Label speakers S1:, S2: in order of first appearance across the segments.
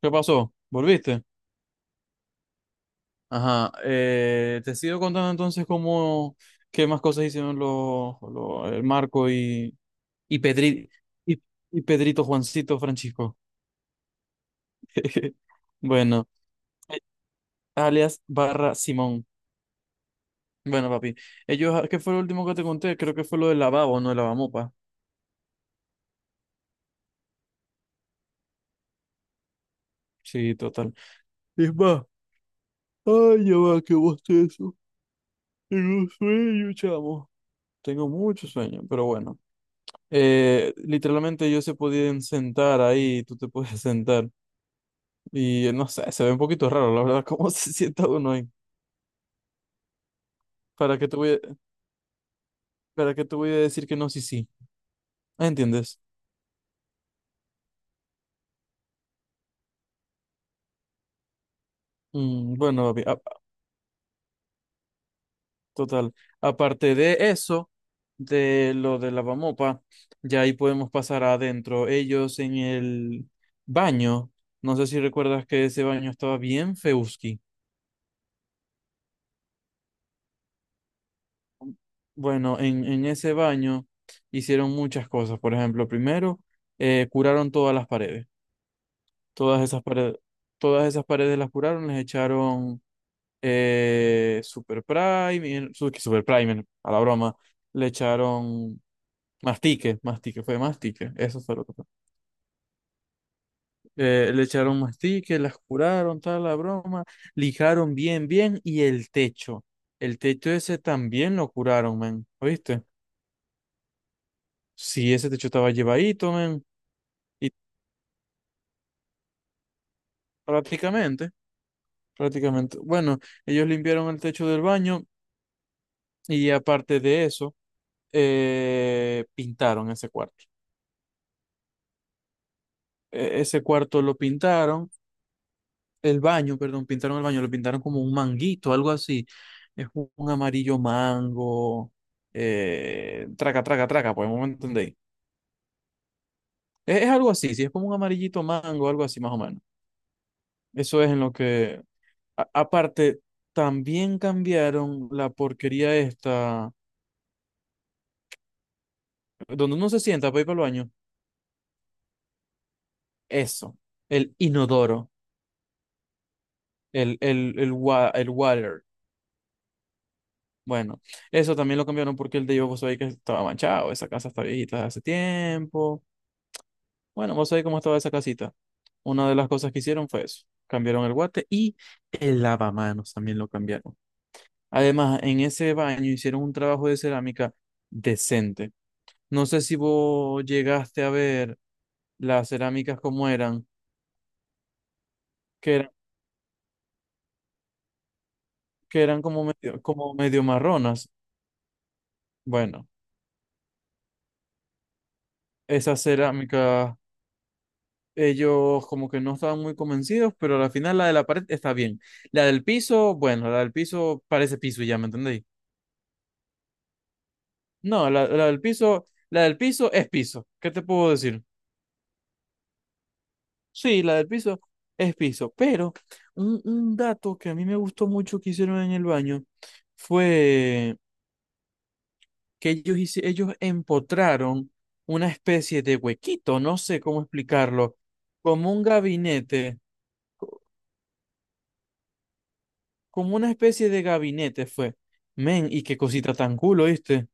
S1: ¿Qué pasó? ¿Volviste? Ajá. Te sigo contando entonces cómo, qué más cosas hicieron el Marco y Pedri- y, y Pedrito Juancito Francisco. Bueno, eh, alias barra Simón. Bueno, papi. Ellos, ¿qué fue lo último que te conté? Creo que fue lo del lavabo, no el lavamopa. Sí, total. Es más, ay, ya va, qué bostezo. Tengo sueño, chamo. Tengo mucho sueño, pero bueno. Literalmente ellos se podían sentar ahí, tú te puedes sentar. Y no sé, se ve un poquito raro, la verdad, cómo se sienta uno ahí. ¿Para qué te voy a, para qué te voy a decir que no, sí, sí? Ah, ¿entiendes? Mm, bueno, papi, total. Aparte de eso, de lo de lavamopa, ya ahí podemos pasar adentro. Ellos en el baño, no sé si recuerdas que ese baño estaba bien feuski. Bueno, en ese baño hicieron muchas cosas. Por ejemplo, primero, curaron todas las paredes. Todas esas paredes, todas esas paredes las curaron, les echaron Super Primer, a la broma. Le echaron mastique, fue mastique, eso fue lo que fue. Le echaron mastique, las curaron, tal, la broma, lijaron bien, bien, y el techo. El techo ese también lo curaron, men, ¿oíste? Sí, ese techo estaba llevadito, men. Y prácticamente, prácticamente. Bueno, ellos limpiaron el techo del baño y aparte de eso, pintaron ese cuarto. Ese cuarto lo pintaron, el baño, perdón, pintaron el baño, lo pintaron como un manguito, algo así. Es un amarillo mango, traca, traca, traca, pues no me entendéis. Es algo así, si es como un amarillito mango, algo así más o menos. Eso es en lo que, aparte, también cambiaron la porquería esta donde uno se sienta para ir para el baño, eso, el inodoro, el water. Bueno, eso también lo cambiaron porque el de yo, vos sabéis que estaba manchado, esa casa está viejita desde hace tiempo. Bueno, vos sabéis cómo estaba esa casita. Una de las cosas que hicieron fue eso, cambiaron el guate y el lavamanos también lo cambiaron. Además, en ese baño hicieron un trabajo de cerámica decente. No sé si vos llegaste a ver las cerámicas como eran, que eran, que eran como medio marronas. Bueno, esa cerámica, ellos como que no estaban muy convencidos, pero al final la de la pared está bien. La del piso, bueno, la del piso parece piso ya, ¿me entendéis? No, la del piso es piso. ¿Qué te puedo decir? Sí, la del piso es piso. Pero un dato que a mí me gustó mucho que hicieron en el baño fue que ellos, ellos empotraron una especie de huequito, no sé cómo explicarlo, como un gabinete. Como una especie de gabinete fue. Men, y qué cosita tan cool, ¿oíste?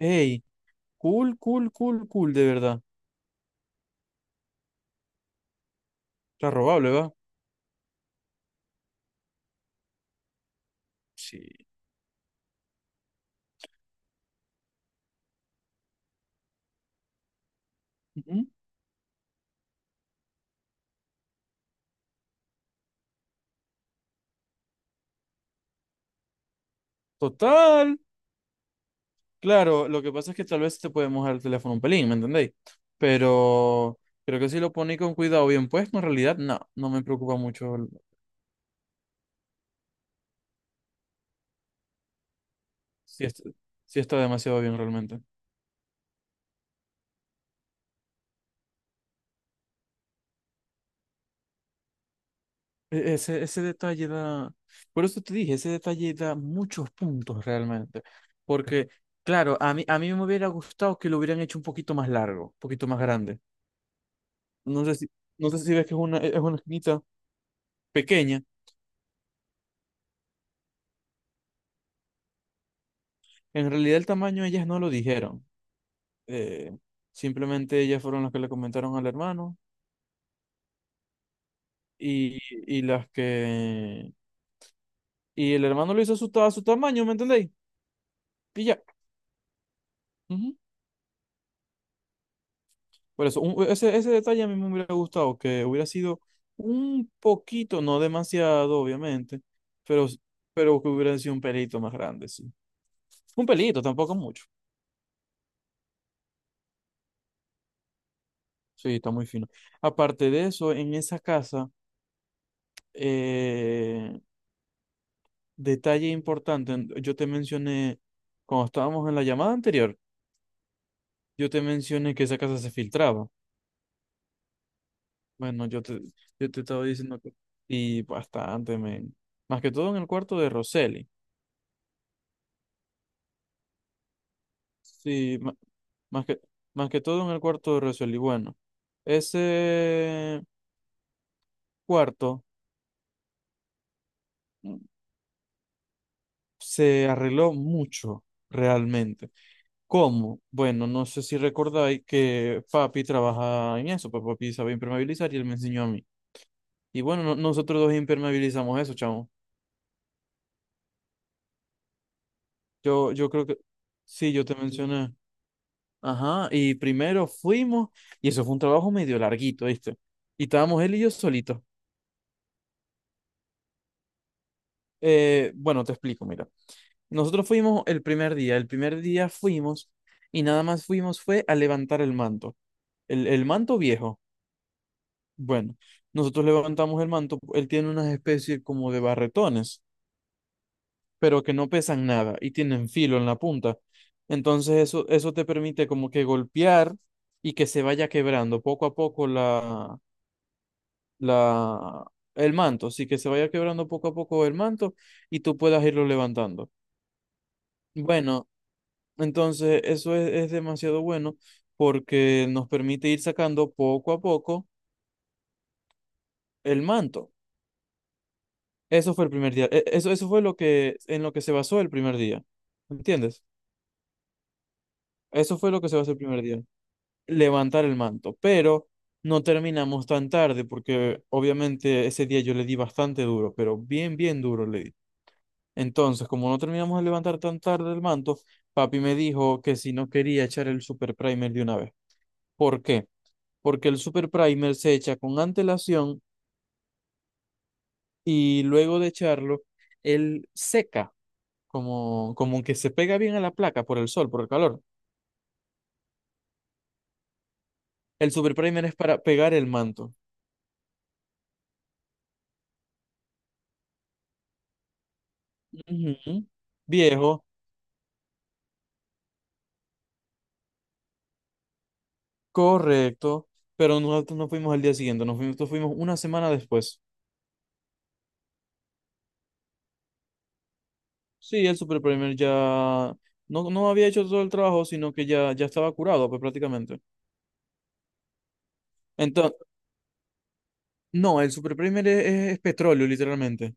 S1: Ey, cool, cool, cool, cool, de verdad. Está robable, ¿va? Sí. Ujú. Total. Claro, lo que pasa es que tal vez te puede mojar el teléfono un pelín, ¿me entendéis? Pero creo que si lo ponéis con cuidado bien puesto, en realidad no, no me preocupa mucho. Si, está demasiado bien realmente. Ese detalle da, por eso te dije, ese detalle da muchos puntos realmente, porque claro, a mí me hubiera gustado que lo hubieran hecho un poquito más largo, un poquito más grande. No sé si, no sé si ves que es una esquinita pequeña, en realidad el tamaño ellas no lo dijeron, eh, simplemente ellas fueron las que le comentaron al hermano y, y las que, y el hermano lo hizo a su, a su tamaño, ¿me entendéis? Y ya. Por eso, ese detalle a mí me hubiera gustado, que hubiera sido un poquito, no demasiado, obviamente, pero, pero que hubiera sido un pelito más grande, sí. Un pelito, tampoco mucho. Sí, está muy fino. Aparte de eso, en esa casa, eh, detalle importante, yo te mencioné, cuando estábamos en la llamada anterior, yo te mencioné que esa casa se filtraba. Bueno, yo te estaba diciendo que... Y bastante, men. Más que todo en el cuarto de Roseli. Sí, más que, más que todo en el cuarto de Rosel. Y bueno, ese cuarto mm, se arregló mucho realmente. ¿Cómo? Bueno, no sé si recordáis que papi trabaja en eso, pues papi sabe impermeabilizar y él me enseñó a mí. Y bueno, nosotros dos impermeabilizamos eso, chamo. Yo creo que sí, yo te mencioné. Ajá, y primero fuimos, y eso fue un trabajo medio larguito, ¿viste? Y estábamos él y yo solitos. Bueno, te explico, mira. Nosotros fuimos el primer día. El primer día fuimos y nada más fuimos fue a levantar el manto. El manto viejo. Bueno, nosotros levantamos el manto. Él tiene unas especies como de barretones, pero que no pesan nada y tienen filo en la punta. Entonces eso te permite como que golpear y que se vaya quebrando poco a poco la, el manto. Así que se vaya quebrando poco a poco el manto y tú puedas irlo levantando. Bueno, entonces, es demasiado bueno porque nos permite ir sacando poco a poco el manto. Eso fue el primer día. Eso fue lo que, en lo que se basó el primer día. ¿Entiendes? Eso fue lo que se basó el primer día. Levantar el manto. Pero no terminamos tan tarde porque obviamente ese día yo le di bastante duro, pero bien, bien duro le di. Entonces, como no terminamos de levantar tan tarde el manto, papi me dijo que si no quería echar el super primer de una vez. ¿Por qué? Porque el super primer se echa con antelación y luego de echarlo, él seca, como que se pega bien a la placa por el sol, por el calor. El super primer es para pegar el manto. Ujú. Viejo, correcto, pero nosotros no fuimos al día siguiente, nosotros fuimos una semana después. Sí, el super primer ya no había hecho todo el trabajo, sino que ya estaba curado, pues prácticamente. Entonces, no, el super primer es petróleo, literalmente.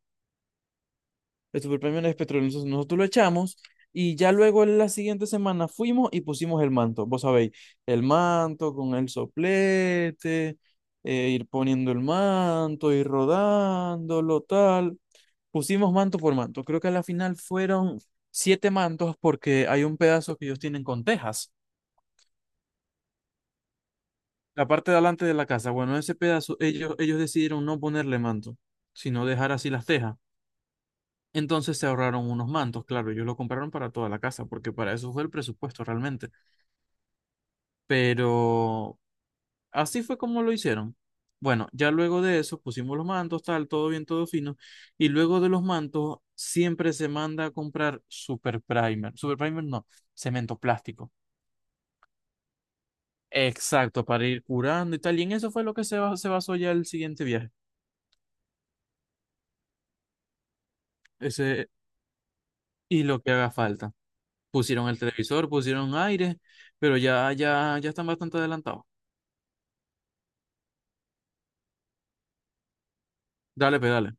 S1: El superpremión es petróleo. Entonces nosotros lo echamos y ya luego en la siguiente semana fuimos y pusimos el manto. Vos sabéis, el manto con el soplete, ir poniendo el manto, ir rodándolo, tal. Pusimos manto por manto. Creo que a la final fueron siete mantos porque hay un pedazo que ellos tienen con tejas. La parte de adelante de la casa, bueno, ese pedazo ellos decidieron no ponerle manto, sino dejar así las tejas. Entonces se ahorraron unos mantos, claro, ellos lo compraron para toda la casa, porque para eso fue el presupuesto realmente. Pero así fue como lo hicieron. Bueno, ya luego de eso pusimos los mantos, tal, todo bien, todo fino. Y luego de los mantos siempre se manda a comprar super primer. Super primer no, cemento plástico. Exacto, para ir curando y tal. Y en eso fue lo que se basó ya el siguiente viaje. Ese, y lo que haga falta. Pusieron el televisor, pusieron aire, pero ya están bastante adelantados. Dale, pedale.